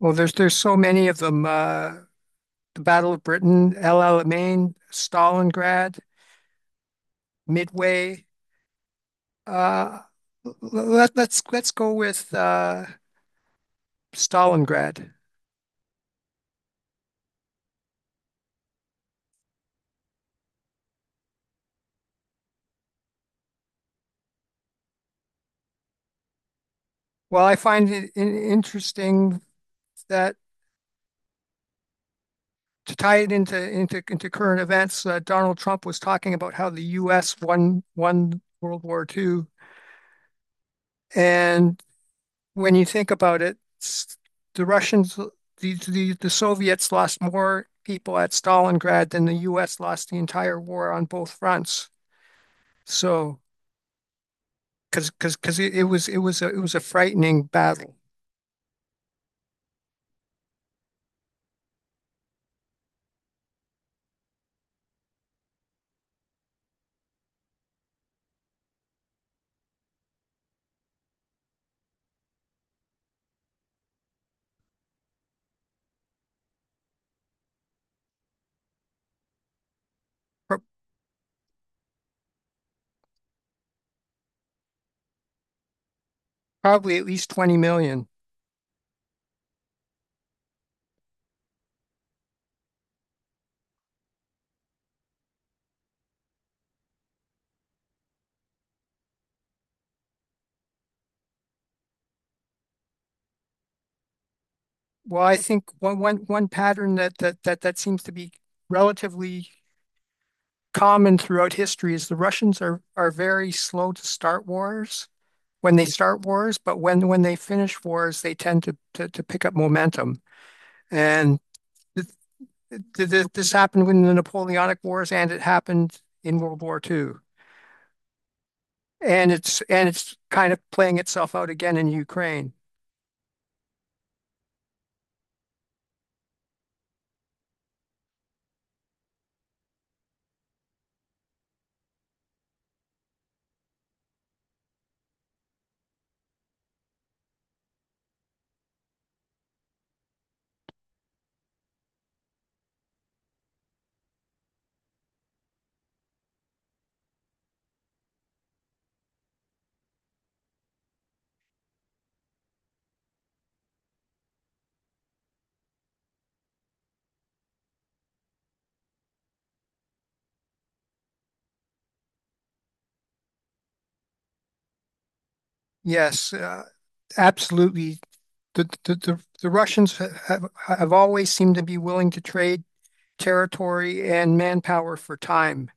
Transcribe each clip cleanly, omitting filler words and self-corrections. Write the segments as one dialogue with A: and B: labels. A: Well, there's so many of them. The Battle of Britain, El Alamein, Stalingrad, Midway. Uh, let's go with Stalingrad. Well, I find it in interesting that to tie it into current events, Donald Trump was talking about how the U.S. won World War II, and when you think about it, the Russians, the Soviets lost more people at Stalingrad than the US lost the entire war on both fronts. So, because it was it was a frightening battle. Pro- Probably at least 20 million. Well, I think one pattern that seems to be relatively common throughout history is the Russians are very slow to start wars when they start wars, but when they finish wars, they tend to pick up momentum. And th this happened in the Napoleonic Wars, and it happened in World War Two. And it's kind of playing itself out again in Ukraine. Yes, absolutely. The Russians have always seemed to be willing to trade territory and manpower for time.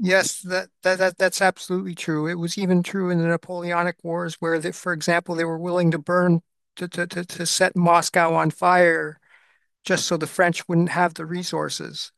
A: Yes, that's absolutely true. It was even true in the Napoleonic Wars, where they, for example, they were willing to burn to, to set Moscow on fire just so the French wouldn't have the resources.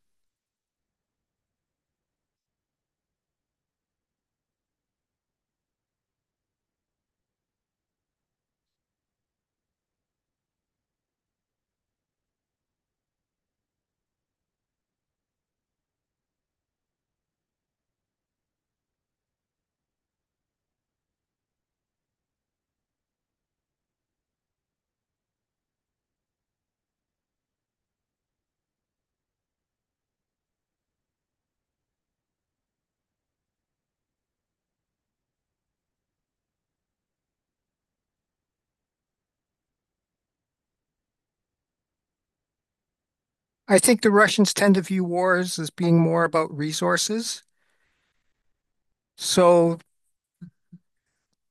A: I think the Russians tend to view wars as being more about resources, so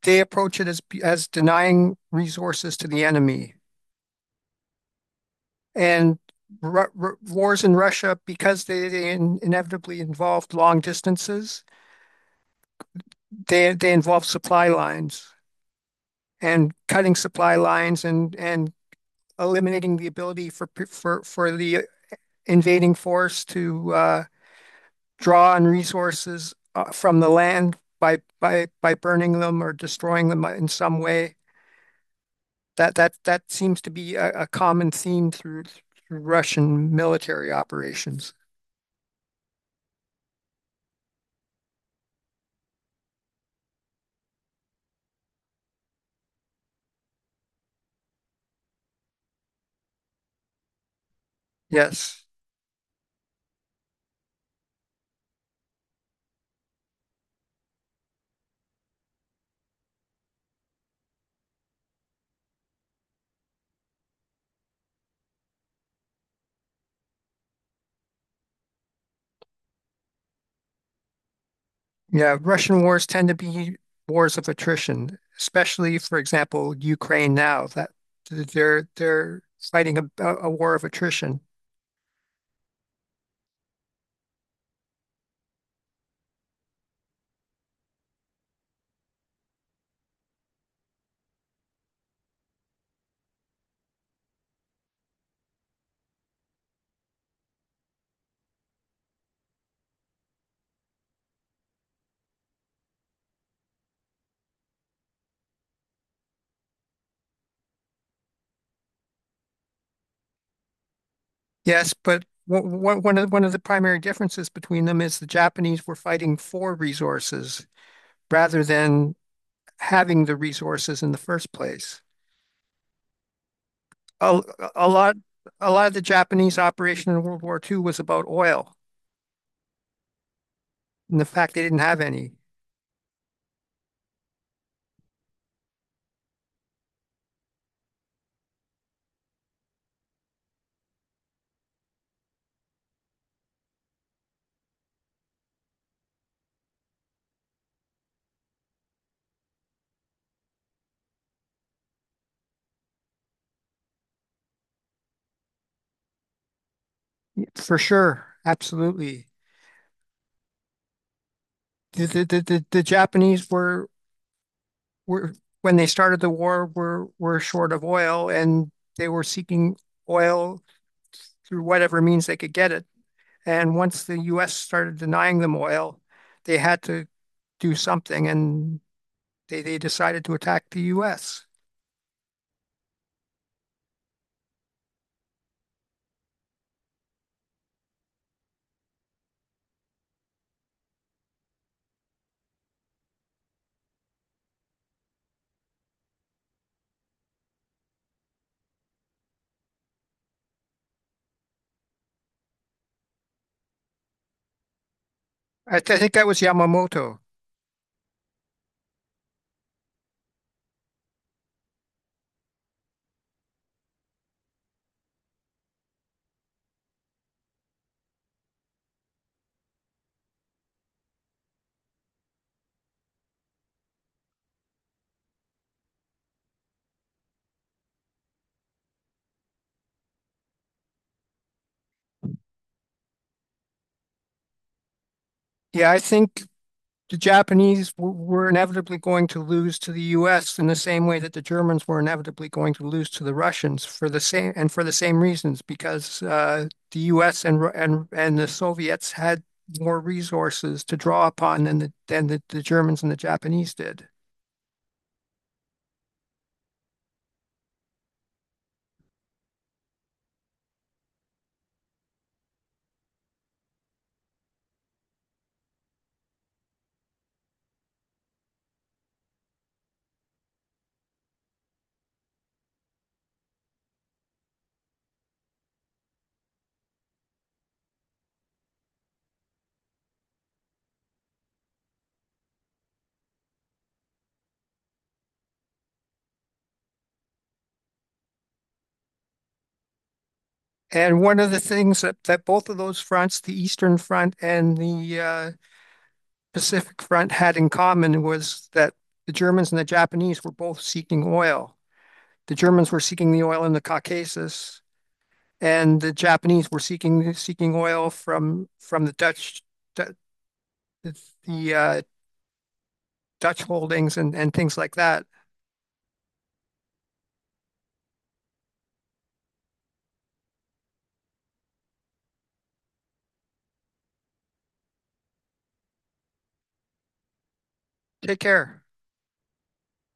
A: they approach it as denying resources to the enemy. And r r wars in Russia, because they in inevitably involved long distances, they involve supply lines, and cutting supply lines and eliminating the ability for the invading force to draw on resources from the land by, by burning them or destroying them in some way. That seems to be a common theme through, through Russian military operations. Yes. Yeah. Russian wars tend to be wars of attrition, especially, for example, Ukraine now, that they're fighting a war of attrition. Yes, but one of the primary differences between them is the Japanese were fighting for resources rather than having the resources in the first place. A, a lot, a lot of the Japanese operation in World War Two was about oil. And the fact they didn't have any. Yeah, for sure, absolutely. The Japanese were when they started the war were short of oil and they were seeking oil through whatever means they could get it. And once the US started denying them oil, they had to do something, and they decided to attack the US. I think that was Yamamoto. Yeah, I think the Japanese were inevitably going to lose to the US in the same way that the Germans were inevitably going to lose to the Russians for the same reasons because the US and the Soviets had more resources to draw upon than the, than the Germans and the Japanese did. And one of the things that, that both of those fronts, the Eastern Front and the Pacific Front, had in common was that the Germans and the Japanese were both seeking oil. The Germans were seeking the oil in the Caucasus, and the Japanese were seeking seeking oil from the, uh, Dutch holdings, and things like that. Take care.